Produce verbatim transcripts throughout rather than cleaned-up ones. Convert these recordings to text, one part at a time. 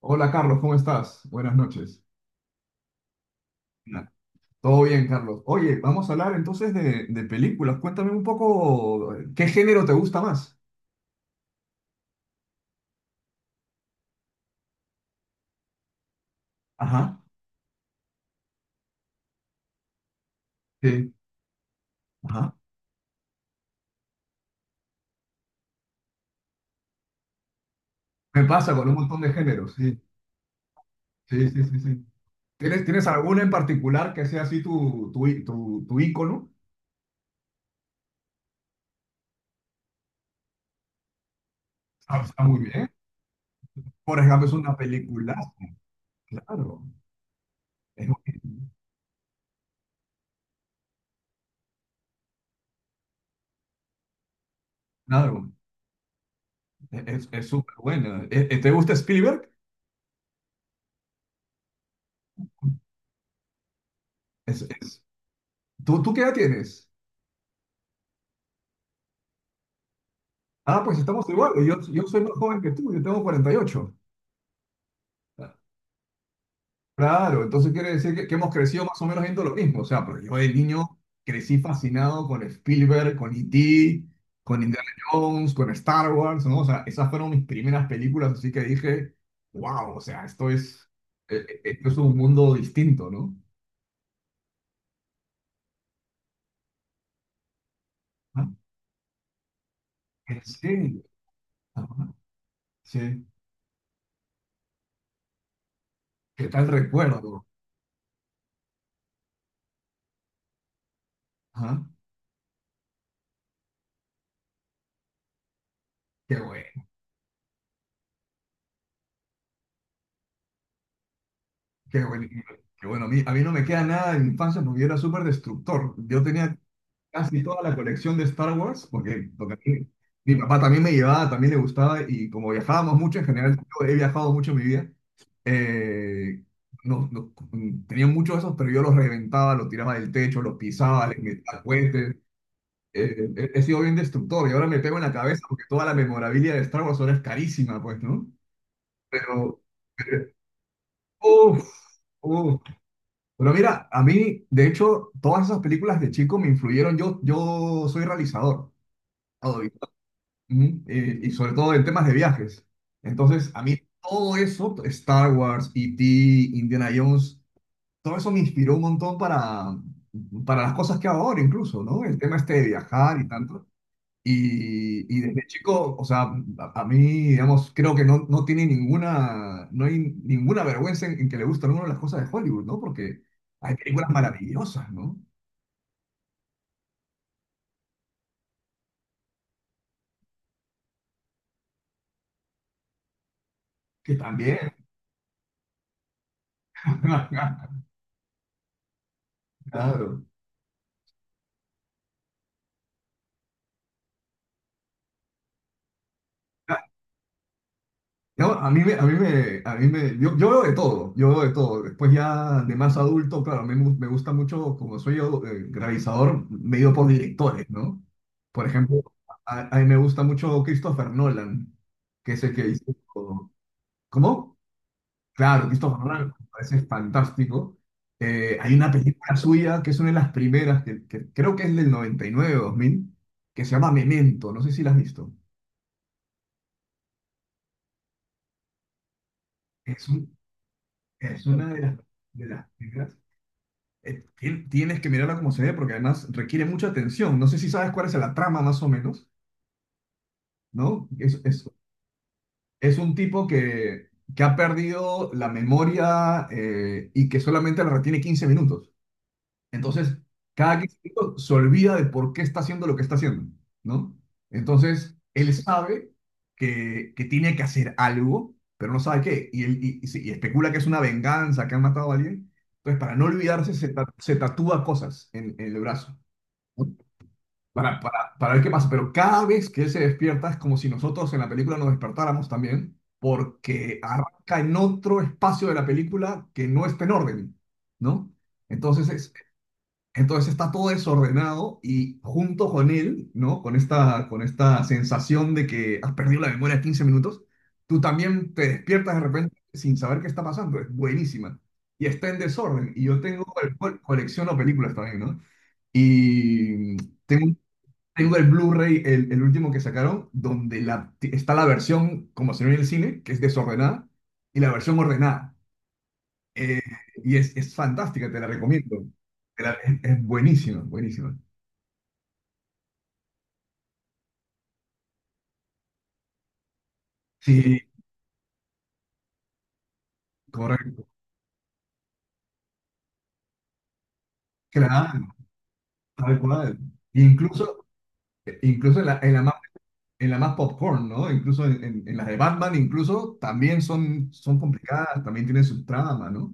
Hola Carlos, ¿cómo estás? Buenas noches. Nah. Todo bien, Carlos. Oye, vamos a hablar entonces de, de películas. Cuéntame un poco, eh, ¿qué género te gusta más? Ajá, sí, ajá. Me pasa con un montón de géneros, sí, sí, sí, sí, sí. ¿Tienes, tienes alguna en particular que sea así tu, tu, í- tu, tu ícono? Ah, está muy bien. Por ejemplo, es una película. Claro, es, claro, es, es súper buena. ¿Te gusta Spielberg? Es, es- ¿Tú, tú qué edad tienes? Ah, pues estamos igual. Yo, yo soy más joven que tú, yo tengo cuarenta y ocho. Claro, entonces quiere decir que, que hemos crecido más o menos viendo lo mismo. O sea, pero yo de niño crecí fascinado con Spielberg, con E T, con Indiana Jones, con Star Wars, ¿no? O sea, esas fueron mis primeras películas, así que dije, wow, o sea, esto es, eh, eh, esto es un mundo distinto, ¿no? Ah, ¿en serio? Ajá, sí. ¿Qué tal recuerdo? Ajá, qué bueno. Qué bueno, qué bueno, a mí, a mí no me queda nada de mi infancia porque yo era súper destructor. Yo tenía casi toda la colección de Star Wars porque, porque a mí- mi papá también me llevaba, también le gustaba y como viajábamos mucho, en general yo he viajado mucho en mi vida, eh, no, no- tenía muchos de esos, pero yo los reventaba, los tiraba del techo, los pisaba, les metía cohetes. Eh, he, he sido bien destructor y ahora me pego en la cabeza porque toda la memorabilia de Star Wars ahora es carísima, pues, ¿no? Pero, pero uff, pero mira, a mí, de hecho, todas esas películas de chico me influyeron. Yo, yo soy realizador, Adobe. Ujú. Eh, y sobre todo en temas de viajes. Entonces, a mí todo eso, Star Wars, E T, Indiana Jones, todo eso me inspiró un montón para, para las cosas que hago ahora incluso, ¿no? El tema este de viajar y tanto. Y, y desde chico, o sea, a, a mí, digamos, creo que no, no tiene ninguna, no hay ninguna vergüenza en, en que le gusten algunas de las cosas de Hollywood, ¿no? Porque hay películas maravillosas, ¿no? Que también. Claro. No, a mí me, a mí me, a mí me, yo, yo veo de todo, yo veo de todo. Después ya de más adulto, claro, a mí me, gu- me gusta mucho, como soy yo, eh, realizador, me he ido por directores, ¿no? Por ejemplo, a, a mí me gusta mucho Christopher Nolan, que es el que hizo... ¿Cómo? Claro, Christopher Nolan me parece fantástico. Eh, hay una película suya que es una de las primeras, que, que creo que es del noventa y nueve o dos mil que se llama Memento. No sé si la has visto. Es, un- es una de las, de las primeras. Eh, tien- tienes que mirarla como se ve porque además requiere mucha atención. No sé si sabes cuál es la trama más o menos, ¿no? Es, es, es un tipo que, que ha perdido la memoria eh, y que solamente la retiene quince minutos. Entonces, cada quince minutos se olvida de por qué está haciendo lo que está haciendo, ¿no? Entonces, él sabe que, que tiene que hacer algo, pero no sabe qué. Y, él, y, y se- y especula que es una venganza, que han matado a alguien. Entonces, para no olvidarse, se, ta- se tatúa cosas en, en el brazo, ¿no? Para, para, para ver qué pasa. Pero cada vez que él se despierta, es como si nosotros en la película nos despertáramos también, porque arranca en otro espacio de la película que no está en orden, ¿no? Entonces, es- entonces está todo desordenado y junto con él, ¿no? Con esta, con esta sensación de que has perdido la memoria de quince minutos, tú también te despiertas de repente sin saber qué está pasando. Es buenísima. Y está en desorden. Y yo tengo, el, col- colecciono películas también, ¿no? Y tengo, tengo el Blu-ray, el, el último que sacaron, donde la, está la versión, como se ve en el cine, que es desordenada, y la versión ordenada. Eh, y es, es fantástica, te la recomiendo. Era- Es, es buenísima, buenísima. Sí, correcto. Claro, tal cual. E incluso, incluso en la, en la más, en la más popcorn, ¿no? Incluso en, en- en las de Batman, incluso también son, son complicadas, también tienen su trama, ¿no?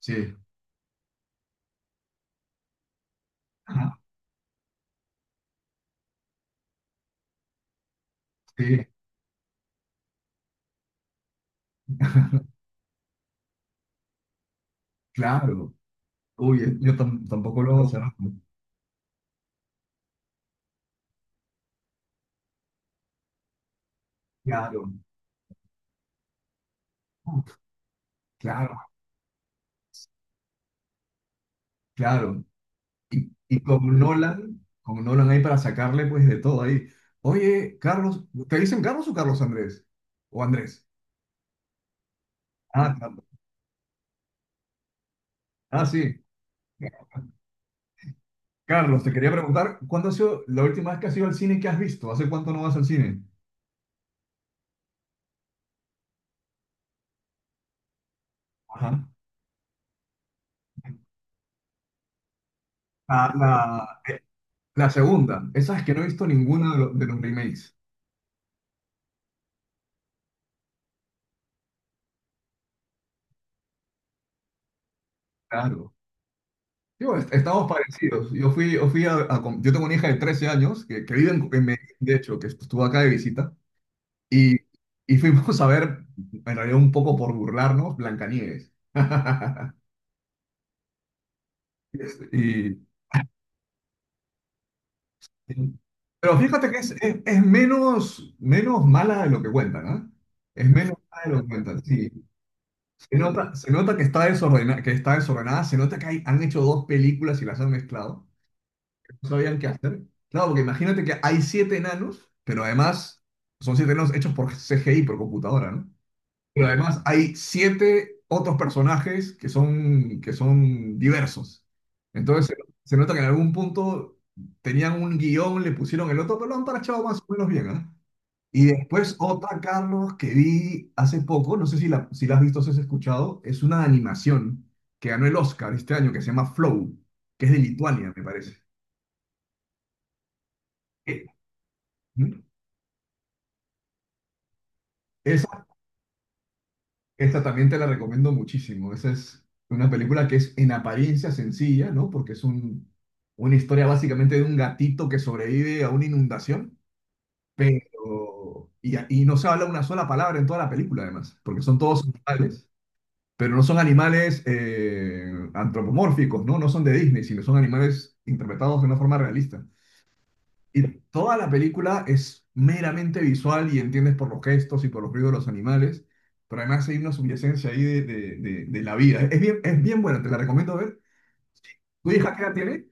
Sí. Ajá, sí, claro. Uy, eh, yo tam- tampoco lo sé. Claro, claro, claro. Y, y con Nolan, con Nolan ahí para sacarle pues de todo ahí. Oye, Carlos, ¿te dicen Carlos o Carlos Andrés? ¿O Andrés? Ah, Carlos. Ah, sí. Carlos, te quería preguntar, ¿cuándo ha sido la última vez que has ido al cine que has visto? ¿Hace cuánto no vas al cine? Ajá. La, la, eh, la segunda, esa es que no he visto ninguna de, lo- de los remakes. Claro. Yo, est- estamos parecidos. Yo fui, yo fui a, a com- yo tengo una hija de trece años que, que vive en, en Medellín, de hecho, que estuvo acá de visita, y, y fuimos a ver, en realidad un poco por burlarnos, Blancanieves. Y, pero fíjate que es, es- es menos, menos mala de lo que cuentan, ¿ah? Es menos mala de lo que cuentan, sí. Se nota, se nota que está desordenada, que está desordenada, se nota que hay- han hecho dos películas y las han mezclado. No sabían qué hacer. Claro, porque imagínate que hay siete enanos, pero además son siete enanos hechos por C G I, por computadora, ¿no? Pero además hay siete otros personajes que son, que son diversos. Entonces se, se nota que en algún punto tenían un guión, le pusieron el otro, pero lo han parchado más o menos bien, ¿ah? Y después otra, Carlos, que vi hace poco, no sé si la, si la has visto o si has escuchado, es una animación que ganó el Oscar este año, que se llama Flow, que es de Lituania, me parece. Eh, ¿Mm? Es Esta también te la recomiendo muchísimo. Esa es una película que es en apariencia sencilla, ¿no? Porque es un, una historia básicamente de un gatito que sobrevive a una inundación, pero... Y, a- y no se habla una sola palabra en toda la película, además, porque son todos animales, pero no son animales eh, antropomórficos, ¿no? No son de Disney, sino son animales interpretados de una forma realista. Y toda la película es meramente visual y entiendes por los gestos y por los ruidos de los animales, pero además hay una subyacencia ahí de, de, de- de la vida. Es bien, es bien buena, te la recomiendo ver. ¿Tu hija qué edad tiene?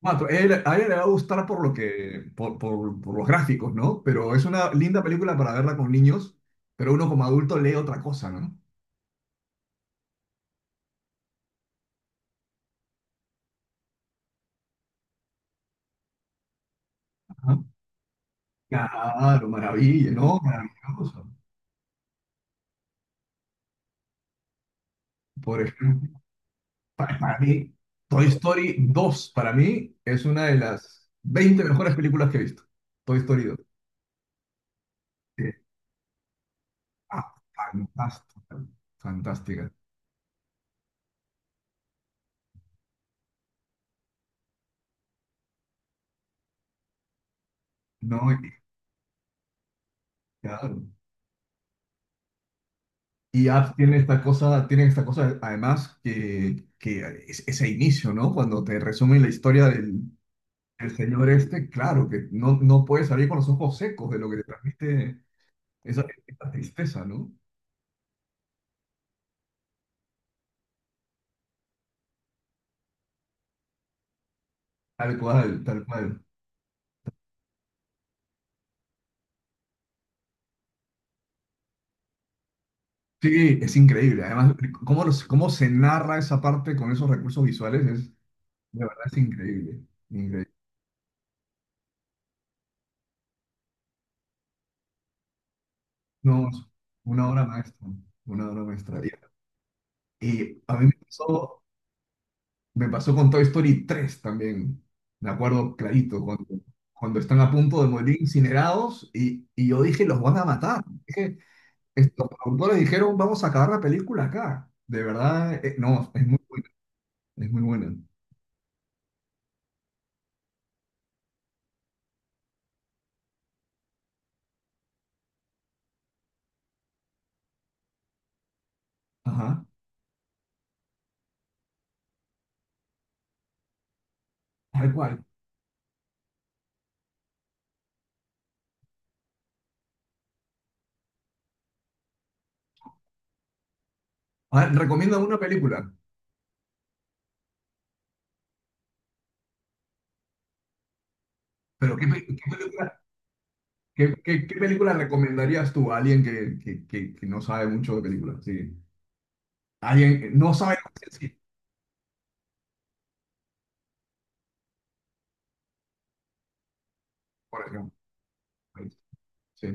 Cuatro, a ella a ella le va a gustar por lo que, por, por- por los gráficos, ¿no? Pero es una linda película para verla con niños, pero uno como adulto lee otra cosa, ¿no? Ajá. Claro, maravilla, ¿no? Maravilloso. Por ejemplo. Para, para mí, Toy Story dos para mí, es una de las veinte mejores películas que he visto. Toy Story dos. Sí. Ah, fantástica, fantástica. No, y, claro. Y Up tiene esta cosa, tiene esta cosa, además, que, que es- ese inicio, ¿no? Cuando te resumen la historia del, del señor este, claro, que no, no puedes salir con los ojos secos de lo que te transmite esa, esa tristeza, ¿no? Tal cual, tal cual. Sí, es increíble. Además, cómo, los- cómo se narra esa parte con esos recursos visuales es, de verdad, es increíble. Increíble. No, es una obra maestra. Una obra maestra. Y, y a mí me pasó, me pasó con Toy Story tres también. Me acuerdo clarito, cuando, cuando están a punto de morir incinerados y, y yo dije, los van a matar. Dije, estos productores dijeron, vamos a acabar la película acá. De verdad, eh, no, es muy buena. Es muy buena. Ajá. Tal cual. A ver, recomienda una película. Pero ¿qué, pe- qué película, qué- qué- ¿qué película recomendarías tú a alguien que, que- que- que no sabe mucho de películas? Sí. Alguien que no sabe lo que es el cine, por ejemplo. Sí.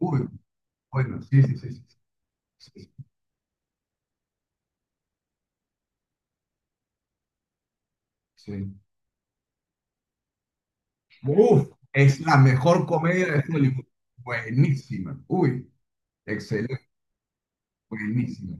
Uy, bueno, sí, sí, sí, sí, sí, sí, sí. Uf, es la mejor comedia de Hollywood. Buenísima. Uy, excelente, buenísima.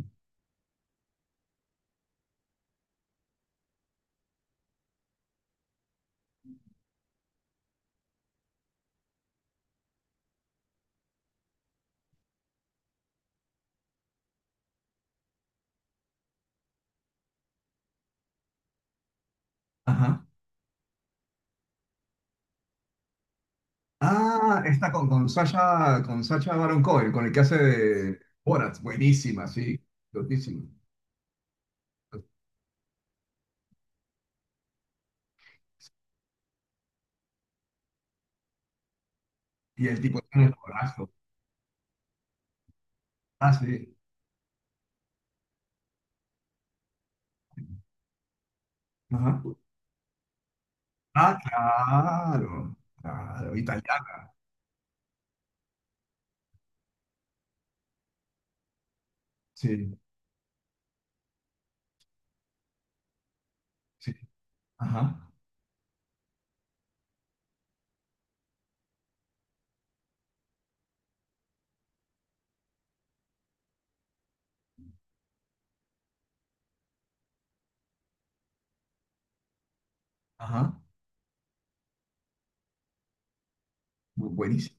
Ajá. Ah, esta con, con Sacha, con Sacha Baron Cohen, con el que hace de Borat. Buenísima, sí. Lotísima. Y el tipo tiene el corazón. Ah, sí. Ajá. Ah, claro, claro, italiano, sí, sí, ajá, ajá, bu- buenísimo.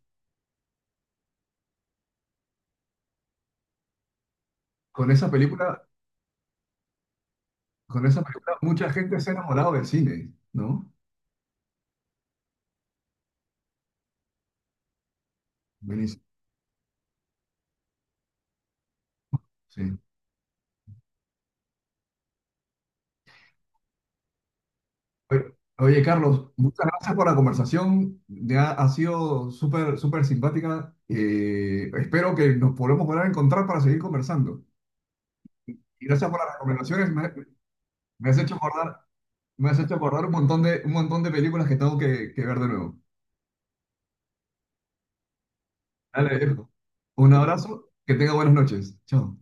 Con esa película, con esa película, mucha gente se ha enamorado del cine, ¿no? Buenísimo, sí. Oye, oye, Carlos, muchas gracias por la conversación, ya ha sido súper, súper simpática. Eh, espero que nos podamos volver a encontrar para seguir conversando. Y gracias por las recomendaciones, me, me has hecho acordar, me has hecho acordar un montón de, un montón de películas que tengo que que ver de nuevo. Dale, viejo. Un abrazo, que tenga buenas noches. Chao.